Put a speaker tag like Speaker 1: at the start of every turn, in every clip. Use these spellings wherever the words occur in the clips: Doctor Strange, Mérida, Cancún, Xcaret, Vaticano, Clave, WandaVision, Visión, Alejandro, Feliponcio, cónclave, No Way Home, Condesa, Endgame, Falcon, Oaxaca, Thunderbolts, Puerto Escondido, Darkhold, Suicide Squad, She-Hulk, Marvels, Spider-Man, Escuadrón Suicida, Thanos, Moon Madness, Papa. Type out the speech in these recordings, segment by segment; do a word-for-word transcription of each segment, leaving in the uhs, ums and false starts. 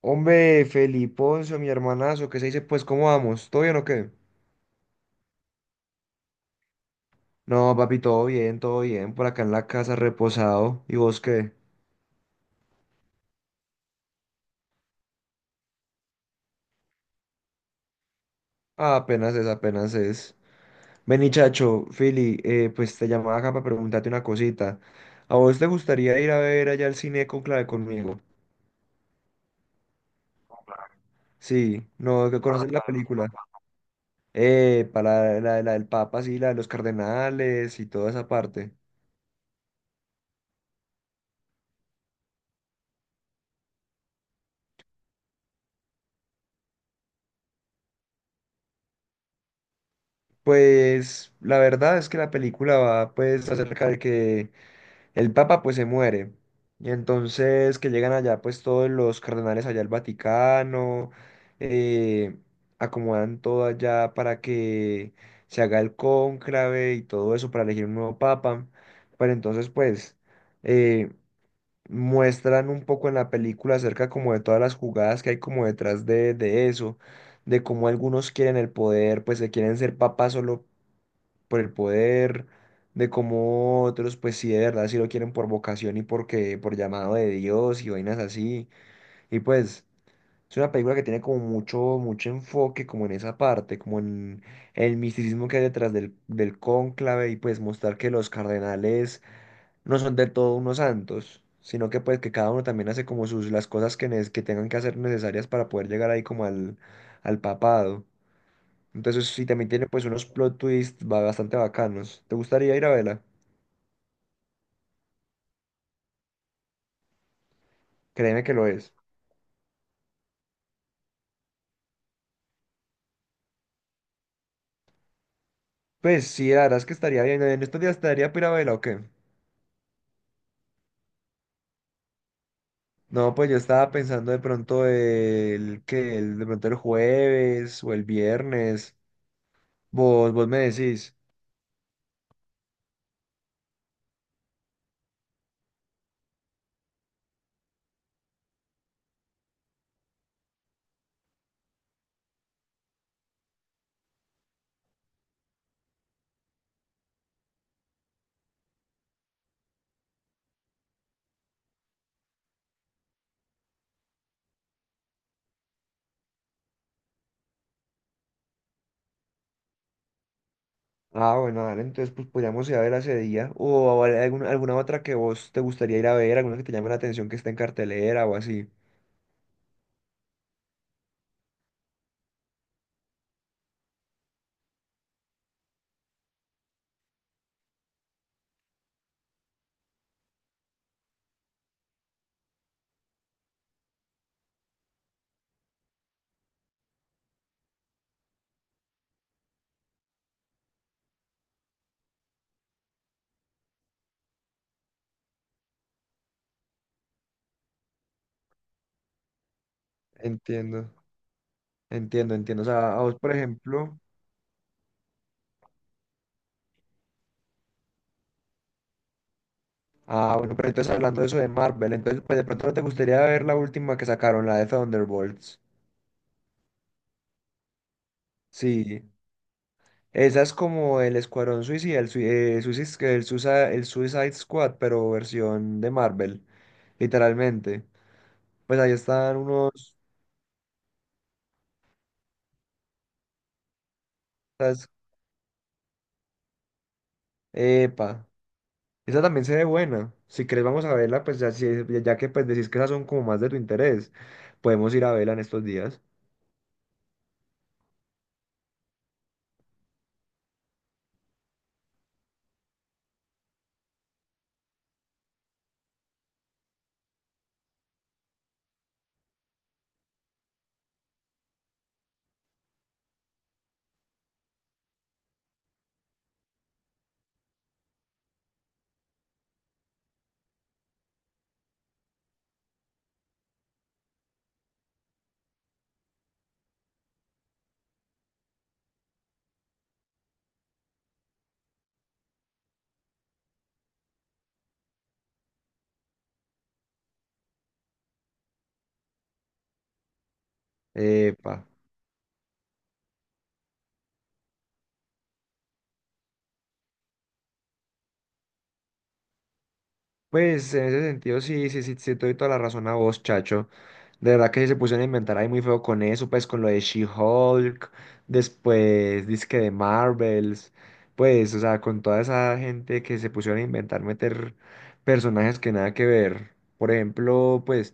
Speaker 1: Hombre, Feliponcio, mi hermanazo, ¿qué se dice? Pues, ¿cómo vamos? ¿Todo bien o qué? No, papi, todo bien, todo bien. Por acá en la casa, reposado. ¿Y vos qué? Ah, apenas es, apenas es. Vení, chacho, Fili, eh, pues te llamaba acá para preguntarte una cosita. ¿A vos te gustaría ir a ver allá al cine con Clave conmigo? Sí, no, que conoces la película. Eh, para la, la del Papa, sí, la de los cardenales y toda esa parte. Pues, la verdad es que la película va, pues, acerca de que el Papa pues se muere. Y entonces que llegan allá pues todos los cardenales allá al Vaticano, eh, acomodan todo allá para que se haga el cónclave y todo eso para elegir un nuevo Papa. Pero entonces pues eh, muestran un poco en la película acerca como de todas las jugadas que hay como detrás de, de eso, de cómo algunos quieren el poder, pues se quieren ser papas solo por el poder, de cómo otros, pues sí, de verdad, sí lo quieren por vocación y porque, por llamado de Dios y vainas así. Y pues es una película que tiene como mucho, mucho enfoque como en esa parte, como en el misticismo que hay detrás del, del cónclave y pues mostrar que los cardenales no son del todo unos santos, sino que pues que cada uno también hace como sus las cosas que, nes- que tengan que hacer necesarias para poder llegar ahí como al, al papado. Entonces sí, también tiene pues unos plot twists ba- bastante bacanos. ¿Te gustaría ir a verla? Créeme que lo es. Pues sí, la verdad es que estaría bien. ¿En estos días estaría para ir a verla o qué? No, pues yo estaba pensando de pronto el que el, de pronto el jueves o el viernes. Vos, vos me decís. Ah, bueno, dale, entonces pues podríamos ir a verla ese día. O a- alguna, alguna otra que vos te gustaría ir a ver, alguna que te llame la atención que esté en cartelera o así. Entiendo, entiendo, entiendo. O sea, a vos, por ejemplo. Ah, bueno, pero entonces hablando de eso de Marvel, entonces pues de pronto no te gustaría ver la última que sacaron, la de Thunderbolts. Sí, esa es como el Escuadrón Suicida, el, sui- eh, Suicis- el, Susa- el Suicide Squad, pero versión de Marvel, literalmente. Pues ahí están unos... esas- Epa. Esa también se ve buena. Si querés, vamos a verla, pues ya, si- ya que pues decís que esas son como más de tu interés, podemos ir a verla en estos días. Epa. Pues en ese sentido, sí, sí, sí, sí, te doy toda la razón a vos, chacho. De verdad que sí se pusieron a inventar ahí muy feo con eso, pues con lo de She-Hulk, después disque de Marvels, pues, o sea, con toda esa gente que se pusieron a inventar meter personajes que nada que ver. Por ejemplo, pues.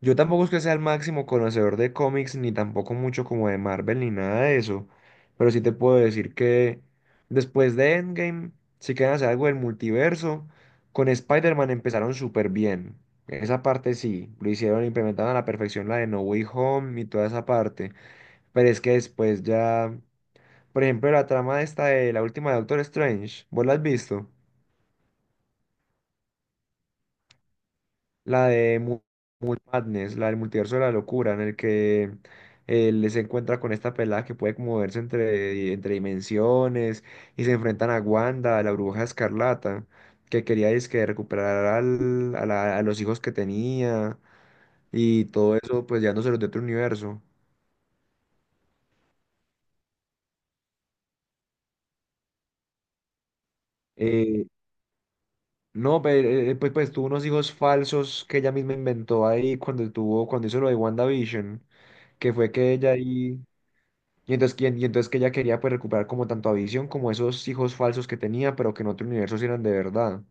Speaker 1: Yo tampoco es que sea el máximo conocedor de cómics, ni tampoco mucho como de Marvel, ni nada de eso. Pero sí te puedo decir que después de Endgame, si quieren hacer algo del multiverso, con Spider-Man empezaron súper bien. Esa parte sí, lo hicieron, implementaron a la perfección la de No Way Home y toda esa parte. Pero es que después ya, por ejemplo, la trama esta de la última de Doctor Strange, ¿vos la has visto? la de Mu- Moon Madness, la del multiverso de la locura, en el que él se encuentra con esta pelada que puede moverse entre, entre dimensiones y se enfrentan a Wanda, a la bruja escarlata, que quería que recuperar al- a, la- a los hijos que tenía y todo eso, pues llevándoselos de otro universo. Eh, no, pero, eh, pues, pues tuvo unos hijos falsos que ella misma inventó ahí cuando tuvo, cuando hizo lo de WandaVision, que fue que ella ahí. Y entonces, que- y entonces que ella quería pues recuperar como tanto a Visión como esos hijos falsos que tenía, pero que en otro universo sí eran de verdad.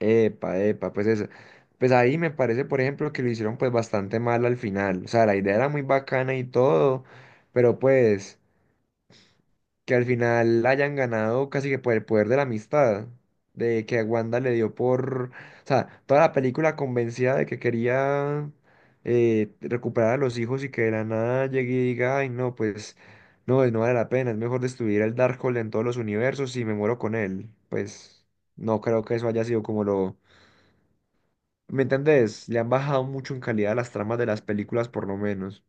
Speaker 1: Epa, epa, pues eso. Pues ahí me parece, por ejemplo, que lo hicieron pues bastante mal al final. O sea, la idea era muy bacana y todo, pero pues... que al final hayan ganado casi que por el poder de la amistad, de que a Wanda le dio por, o sea, toda la película convencida de que quería eh, recuperar a los hijos y que de la nada llegue y diga, ay, no, pues no, pues, no vale la pena, es mejor destruir el Darkhold en todos los universos y me muero con él. Pues no creo que eso haya sido como lo... ¿Me entendés? Le han bajado mucho en calidad a las tramas de las películas, por lo menos.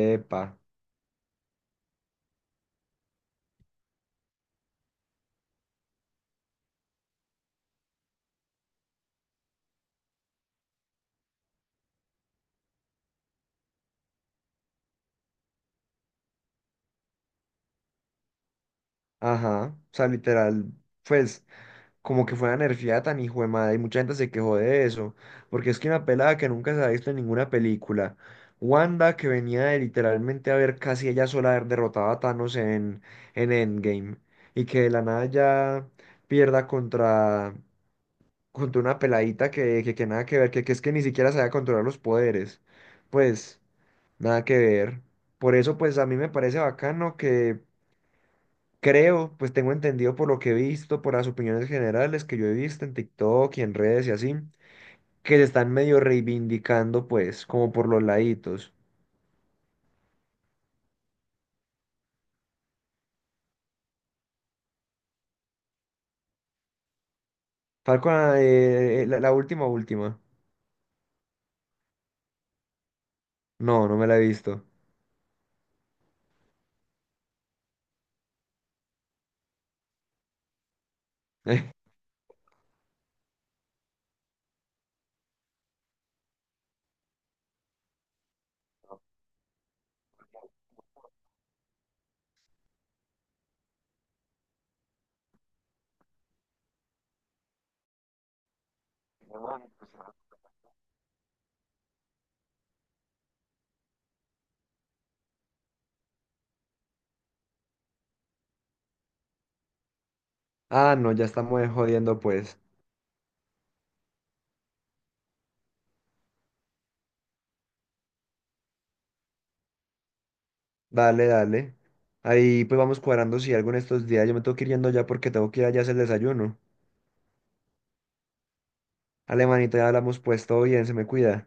Speaker 1: Epa, ajá, o sea, literal, pues... como que fue una nerfeada tan hijo de madre, y mucha gente se quejó de eso, porque es que una pelada que nunca se ha visto en ninguna película, Wanda que venía de literalmente haber casi ella sola haber derrotado a Thanos en, en Endgame, y que de la nada ya pierda contra, contra una peladita que, que, que nada que ver, que, que es que ni siquiera sabía controlar los poderes, pues nada que ver. Por eso pues a mí me parece bacano que creo, pues tengo entendido por lo que he visto, por las opiniones generales que yo he visto en TikTok y en redes y así, que se están medio reivindicando, pues, como por los laditos. Falcon, ah, eh, eh, la, la última, última. No, no me la he visto. Ah, no, ya estamos jodiendo, pues. Dale, dale. Ahí pues vamos cuadrando si algo en estos días. Yo me tengo que ir yendo ya porque tengo que ir allá a hacer el desayuno. Alemanita, ya hablamos, pues todo bien, se me cuida.